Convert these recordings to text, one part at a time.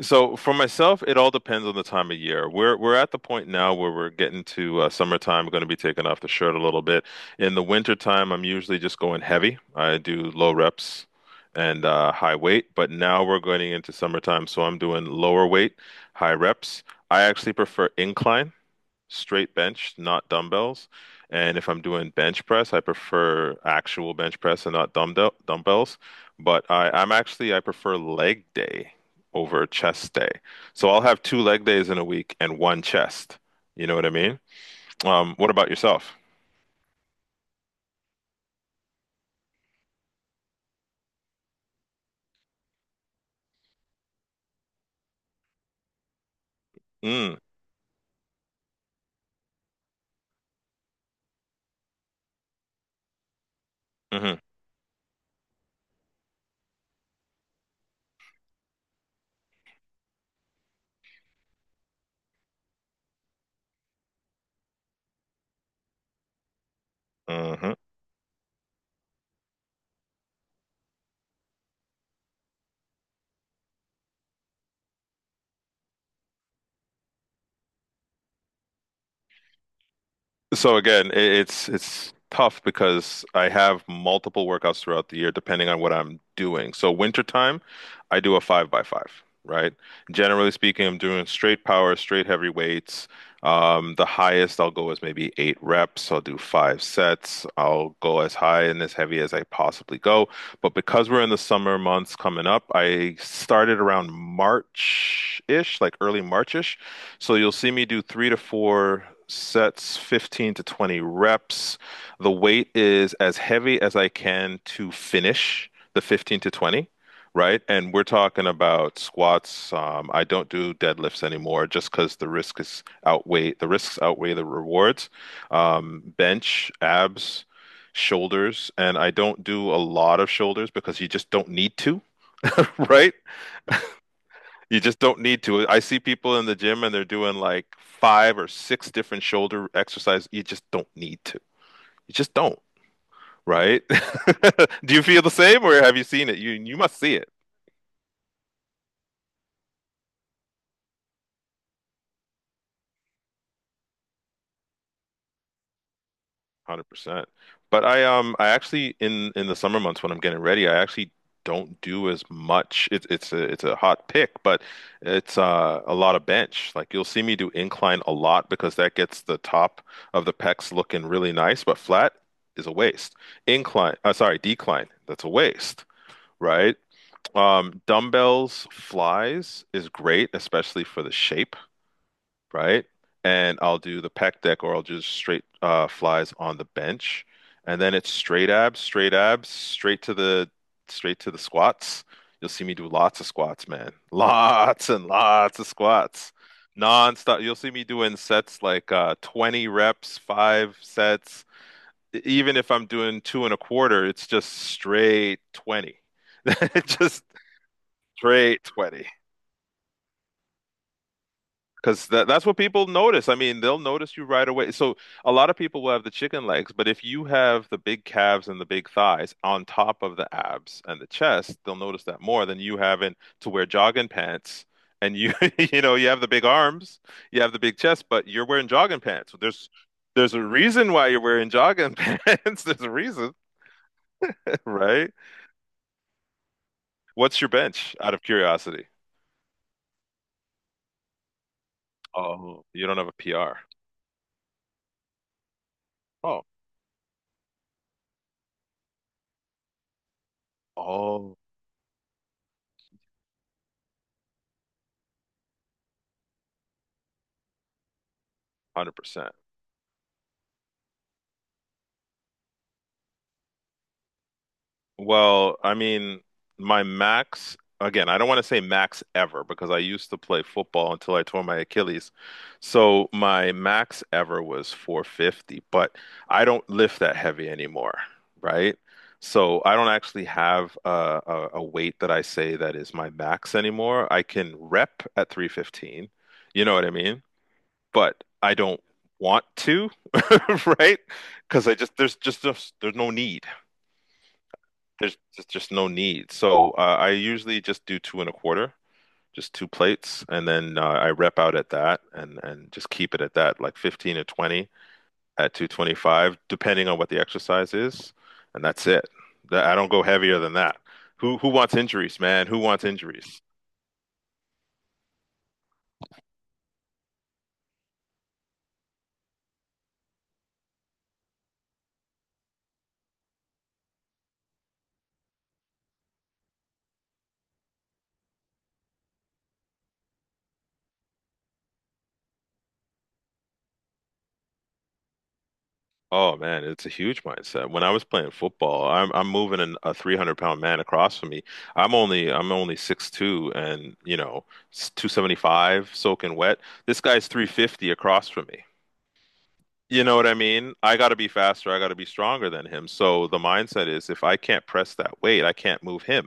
So for myself, it all depends on the time of year. We're at the point now where we're getting to summertime. We're going to be taking off the shirt a little bit. In the wintertime, I'm usually just going heavy. I do low reps and high weight, but now we're going into summertime, so I'm doing lower weight, high reps. I actually prefer incline straight bench, not dumbbells. And if I'm doing bench press, I prefer actual bench press and not dumbbells. But I, I'm actually I prefer leg day over chest day. So I'll have two leg days in a week and one chest. You know what I mean? What about yourself? Mm. Hmm. Hmm. So again, it's tough because I have multiple workouts throughout the year depending on what I'm doing. So wintertime, I do a five by five, right? Generally speaking, I'm doing straight power, straight heavy weights. The highest I'll go is maybe 8 reps. I'll do 5 sets. I'll go as high and as heavy as I possibly go. But because we're in the summer months coming up, I started around March-ish, like early March-ish so you'll see me do 3 to 4 sets, 15 to 20 reps. The weight is as heavy as I can to finish the 15 to 20, right? And we're talking about squats. I don't do deadlifts anymore just because the risks outweigh the rewards. Bench, abs, shoulders, and I don't do a lot of shoulders because you just don't need to, right? You just don't need to. I see people in the gym and they're doing like five or six different shoulder exercises. You just don't need to. You just don't, right? Do you feel the same or have you seen it? You must see it. 100%. But I actually in the summer months when I'm getting ready, I actually don't do as much. It's a hot pick, but it's a lot of bench. Like you'll see me do incline a lot because that gets the top of the pecs looking really nice, but flat is a waste. Decline, that's a waste, right? Dumbbells, flies is great, especially for the shape, right? And I'll do the pec deck or I'll just straight flies on the bench. And then it's straight abs, straight abs, straight to the squats. You'll see me do lots of squats, man. Lots and lots of squats. Non-stop. You'll see me doing sets like 20 reps, 5 sets. Even if I'm doing two and a quarter, it's just straight 20. Just straight 20. Because that's what people notice. I mean, they'll notice you right away. So a lot of people will have the chicken legs, but if you have the big calves and the big thighs on top of the abs and the chest, they'll notice that more than you having to wear jogging pants. And you, you know, you have the big arms, you have the big chest, but you're wearing jogging pants. There's a reason why you're wearing jogging pants. There's a reason, right? What's your bench out of curiosity? Oh, you don't have a PR. Oh. Oh. Well, I mean, my max, again, I don't want to say max ever because I used to play football until I tore my Achilles. So my max ever was 450, but I don't lift that heavy anymore, right? So I don't actually have a weight that I say that is my max anymore. I can rep at 315, you know what I mean? But I don't want to, right? Because I just, there's no need. There's just no need. So I usually just do two and a quarter, just two plates, and then I rep out at that and just keep it at that, like 15 or 20 at 225, depending on what the exercise is, and that's it. I don't go heavier than that. Who wants injuries, man? Who wants injuries? Oh man, it's a huge mindset. When I was playing football, I'm moving a 300-pound man across from me. I'm only 6'2" and, you know, 275 soaking wet. This guy's 350 across from me. You know what I mean? I got to be faster, I got to be stronger than him. So the mindset is if I can't press that weight, I can't move him.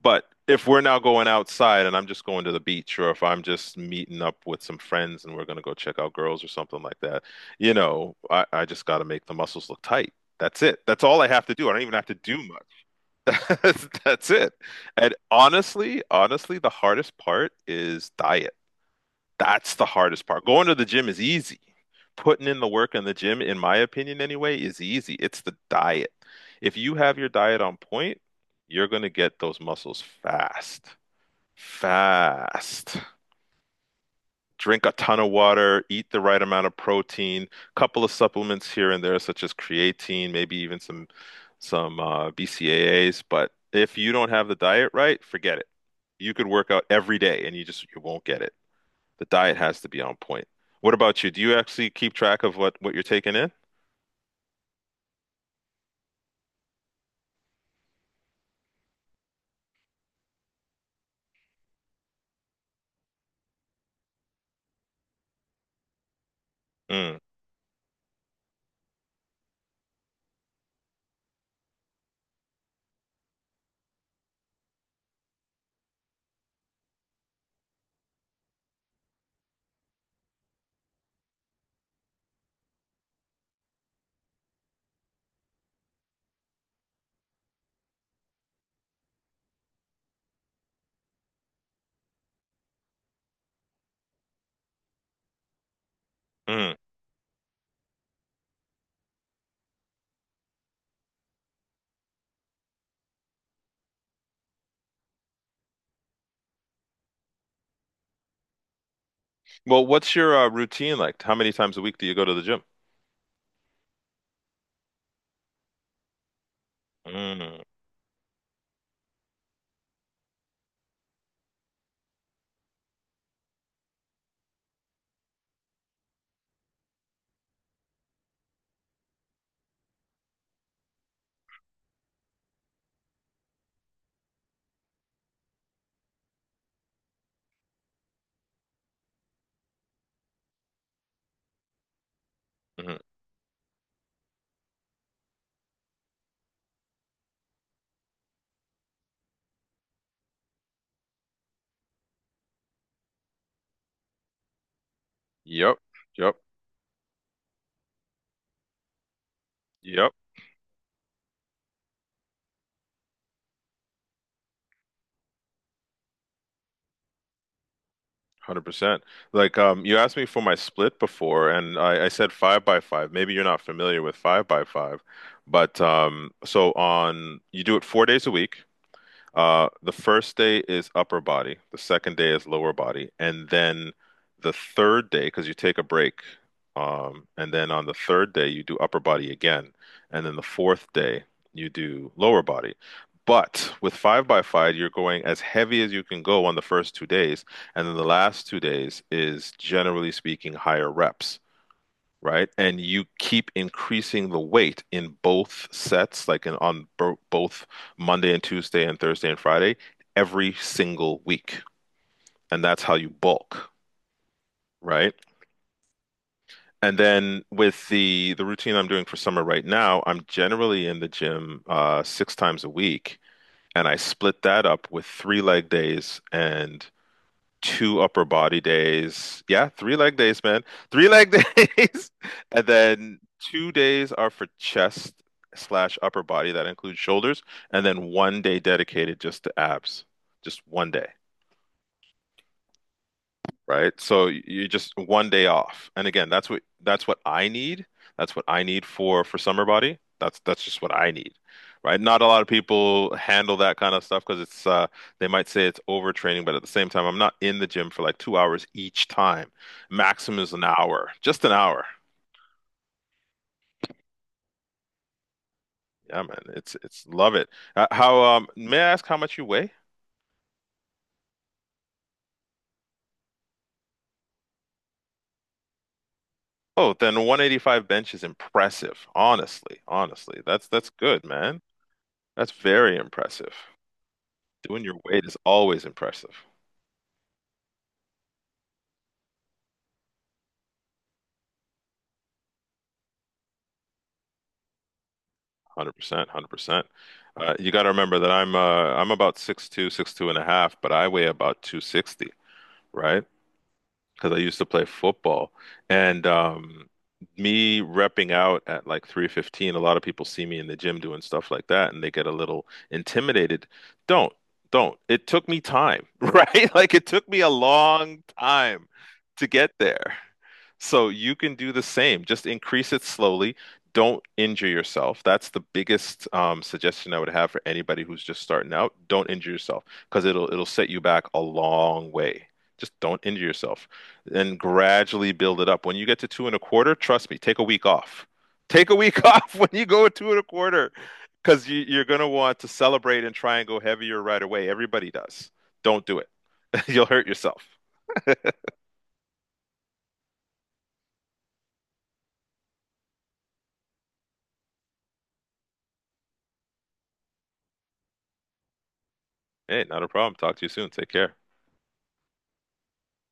But if we're now going outside and I'm just going to the beach, or if I'm just meeting up with some friends and we're going to go check out girls or something like that, you know, I just got to make the muscles look tight. That's it. That's all I have to do. I don't even have to do much. That's it. And honestly, the hardest part is diet. That's the hardest part. Going to the gym is easy. Putting in the work in the gym, in my opinion anyway, is easy. It's the diet. If you have your diet on point, you're going to get those muscles fast. Fast. Drink a ton of water, eat the right amount of protein, couple of supplements here and there, such as creatine, maybe even some BCAAs. But if you don't have the diet right, forget it. You could work out every day and you won't get it. The diet has to be on point. What about you? Do you actually keep track of what you're taking in? Mm. Mm. Well, what's your routine like? How many times a week do you go to the gym? Mm. Mm. Yep, yep, yep. 100%. Like you asked me for my split before, and I said five by five. Maybe you're not familiar with five by five, but so on you do it 4 days a week. The first day is upper body, the second day is lower body, and then the third day, because you take a break, and then on the third day you do upper body again, and then the fourth day you do lower body. But with five by five, you're going as heavy as you can go on the first 2 days, and then the last 2 days is generally speaking higher reps, right? And you keep increasing the weight in both sets, like in, on bo both Monday and Tuesday and Thursday and Friday, every single week. And that's how you bulk, right? And then with the routine I'm doing for summer right now, I'm generally in the gym 6 times a week, and I split that up with 3 leg days and 2 upper body days. Yeah, 3 leg days, man. Three leg days. And then 2 days are for chest slash upper body. That includes shoulders. And then one day dedicated just to abs. Just one day, right? So you just one day off. And again, that's what I need. That's what I need for summer body. That's just what I need, right? Not a lot of people handle that kind of stuff because it's they might say it's overtraining, but at the same time, I'm not in the gym for like 2 hours each time. Maximum is an hour, just an hour. Yeah, man, it's love it. How may I ask how much you weigh? Oh, then 185 bench is impressive. Honestly, that's good, man. That's very impressive. Doing your weight is always impressive. 100%, 100%. You got to remember that I'm about 6'2", 6'2" and a half, but I weigh about 260, right? Because I used to play football. And me repping out at like 315, a lot of people see me in the gym doing stuff like that and they get a little intimidated. Don't, don't. It took me time, right? Like it took me a long time to get there. So you can do the same. Just increase it slowly. Don't injure yourself. That's the biggest suggestion I would have for anybody who's just starting out. Don't injure yourself because it'll set you back a long way. Just don't injure yourself and gradually build it up. When you get to two and a quarter, trust me, take a week off. Take a week off when you go at two and a quarter because you're going to want to celebrate and try and go heavier right away. Everybody does. Don't do it. You'll hurt yourself. Hey, not a problem. Talk to you soon. Take care.